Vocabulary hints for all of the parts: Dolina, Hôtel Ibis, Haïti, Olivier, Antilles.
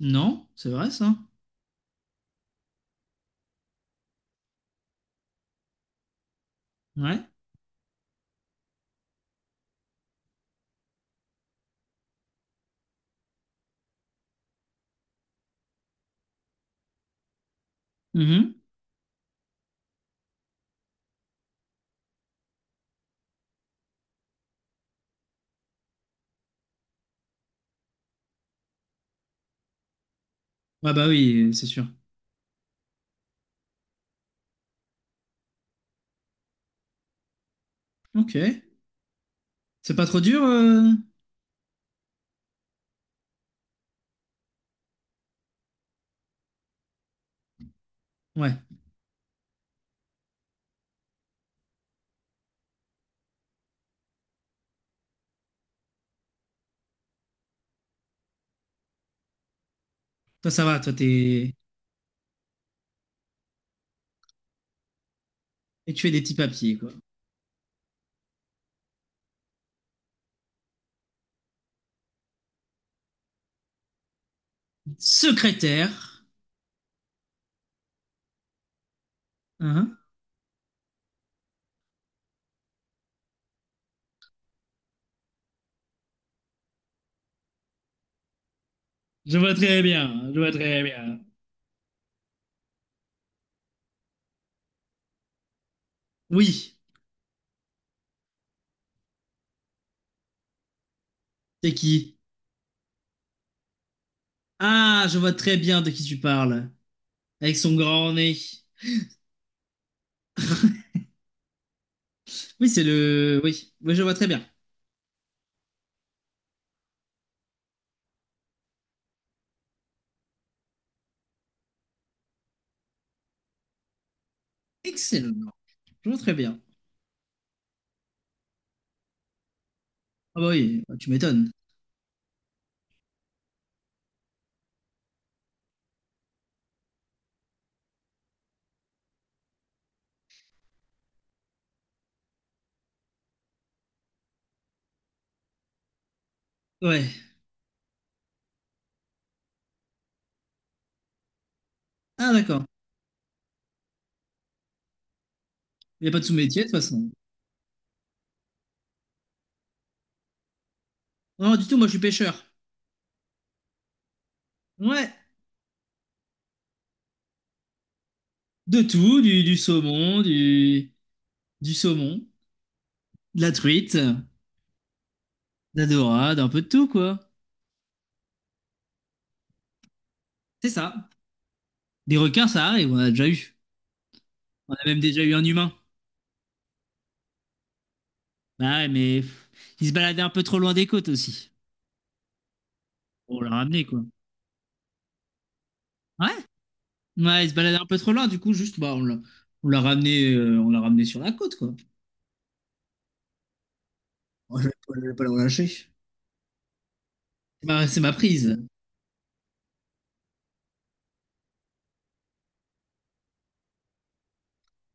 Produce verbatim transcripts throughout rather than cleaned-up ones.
Non, c'est vrai ça. Ouais. Mhm. Ah bah oui, c'est sûr. Ok. C'est pas trop dur euh Ouais. Toi ça va, toi t'es... Et tu fais des petits papiers, quoi. Secrétaire. Hein. Je vois très bien, je vois très bien. Oui, c'est qui? Ah, je vois très bien de qui tu parles. Avec son grand nez. Oui, c'est le... Oui, oui, je vois très bien. Excellent. Je vois très bien. Ah bah oui, bah, tu m'étonnes. Ouais. Ah d'accord. Il n'y a pas de sous-métier de toute façon. Non, du tout, moi je suis pêcheur. Ouais. De tout, du, du saumon, du, du saumon, de la truite, de la dorade, un peu de tout, quoi. C'est ça. Des requins, ça arrive, on a déjà eu. On a même déjà eu un humain. Bah ouais, mais pff, il se baladait un peu trop loin des côtes aussi. On l'a ramené, quoi. Ouais, ouais, il se baladait un peu trop loin, du coup, juste, bah, on l'a on l'a ramené, euh, on l'a ramené sur la côte, quoi. Moi, je vais pas, je vais pas le relâcher. C'est ma, c'est ma prise.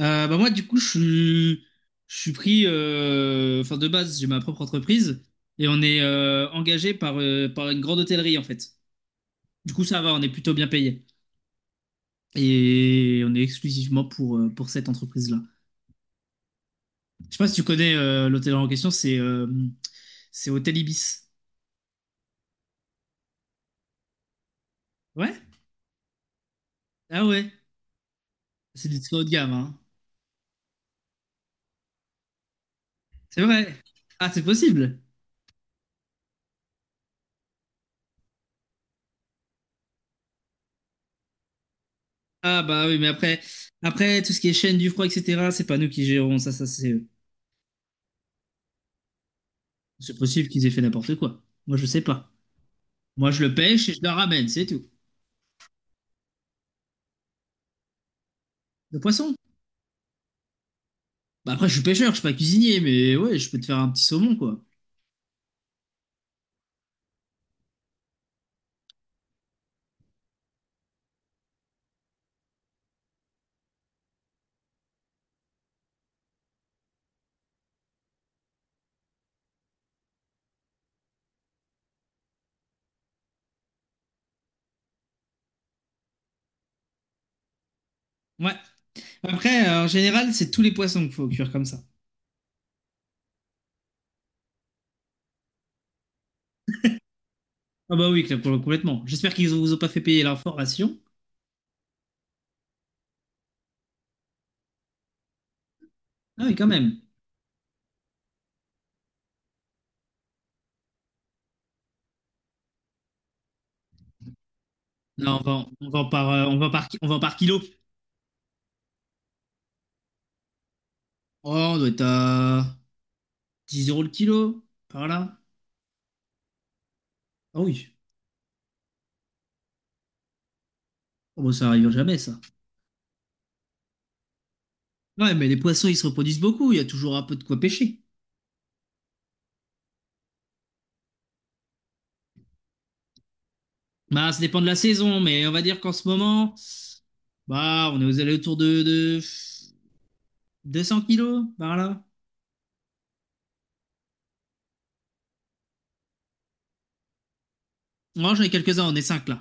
Euh, bah moi, du coup, je suis, je suis pris, euh, enfin de base, j'ai ma propre entreprise et on est euh, engagé par, euh, par une grande hôtellerie en fait. Du coup, ça va, on est plutôt bien payé et on est exclusivement pour, euh, pour cette entreprise-là. Je sais pas si tu connais euh, l'hôtellerie en question, c'est euh, c'est Hôtel Ibis. Ouais? Ah ouais, c'est du très haut de gamme, hein. C'est vrai. Ah, c'est possible. Ah bah oui, mais après, après tout ce qui est chaîne du froid, et cetera, c'est pas nous qui gérons ça, ça c'est c'est possible qu'ils aient fait n'importe quoi. Moi, je sais pas. Moi, je le pêche et je le ramène, c'est tout. Le poisson. Bah, après, je suis pêcheur, je suis pas cuisinier, mais ouais, je peux te faire un petit saumon, quoi. Ouais. Après, euh, en général, c'est tous les poissons qu'il faut cuire comme ça. Ah bah oui, cl- complètement. J'espère qu'ils vous ont pas fait payer l'information. Ah oui, quand même. Là, on vend, on vend par, euh, on vend par, ki- on vend par kilo. Oh, on doit être à dix euros le kilo, par là. Ah oui. Oh, bah, ça arrive jamais, ça. Ouais, mais les poissons, ils se reproduisent beaucoup. Il y a toujours un peu de quoi pêcher. Bah, ça dépend de la saison, mais on va dire qu'en ce moment, bah, on est aux alentours de, de deux cents kilos par là. Moi, j'en ai quelques-uns, on est cinq là.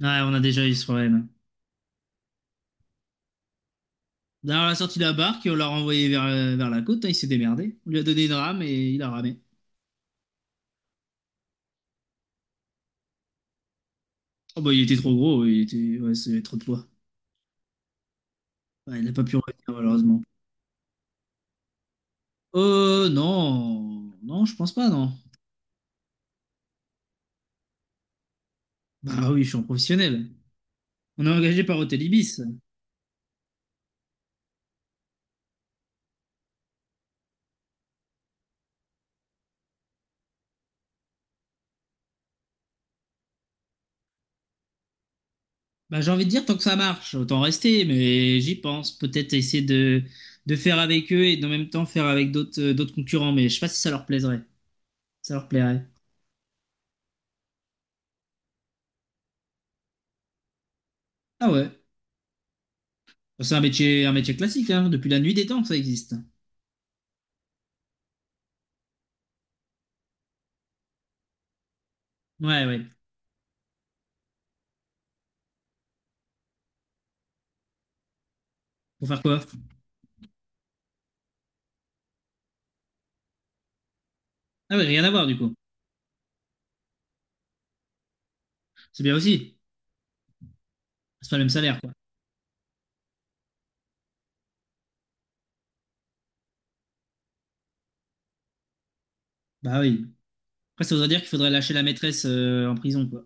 Ouais, on a déjà eu ce problème. D'ailleurs, on a sorti la barque et on l'a renvoyé vers, euh, vers la côte, hein, il s'est démerdé. On lui a donné une rame et il a ramé. Oh bah, il était trop gros, il était... ouais, c'était trop de poids. Ouais, il n'a pas pu revenir malheureusement. Euh, non, non, je pense pas, non. Bah oui, je suis en professionnel. On est engagé par Hôtel Ibis. Bah, j'ai envie de dire, tant que ça marche, autant rester, mais j'y pense. Peut-être essayer de, de faire avec eux et en même temps faire avec d'autres euh, d'autres concurrents, mais je sais pas si ça leur plaiserait. Ça leur plairait. Ah ouais. Bon, c'est un métier, un métier classique, hein. Depuis la nuit des temps que ça existe. Ouais, ouais. Pour faire quoi? Ah ouais, rien à voir du coup. C'est bien aussi. C'est pas le même salaire, quoi. Bah oui. Après, ça voudrait dire qu'il faudrait lâcher la maîtresse euh, en prison, quoi.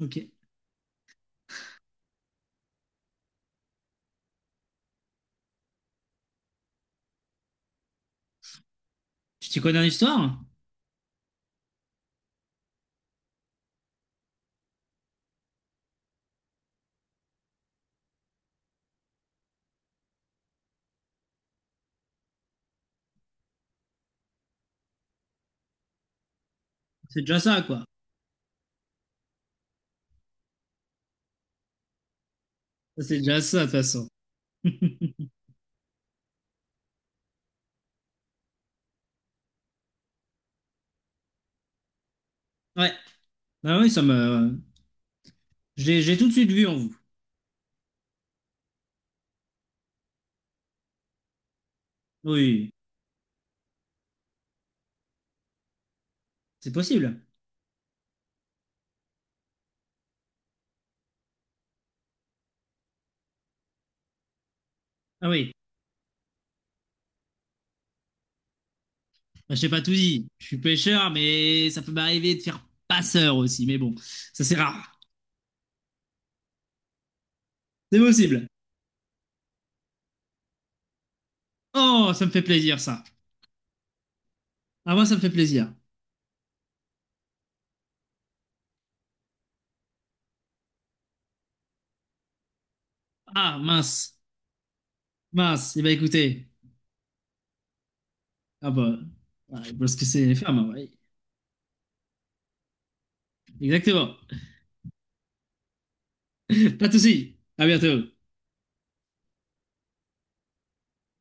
Ok. Tu t'y connais en histoire? C'est déjà ça, quoi. Ça, c'est déjà ça, de toute façon. Ouais. Ah oui, ça me. J'ai tout de suite vu en vous. Oui, c'est possible. Ah oui, bah, je t'ai pas tout dit. Je suis pêcheur, mais ça peut m'arriver de faire passeur aussi. Mais bon, ça c'est rare. C'est possible. Oh, ça me fait plaisir ça. Ah moi ça me fait plaisir. Ah mince, mince. Eh ben écoutez, ah bah, ouais, parce que c'est les femmes. Ouais. Exactement. Pas de souci. À bientôt.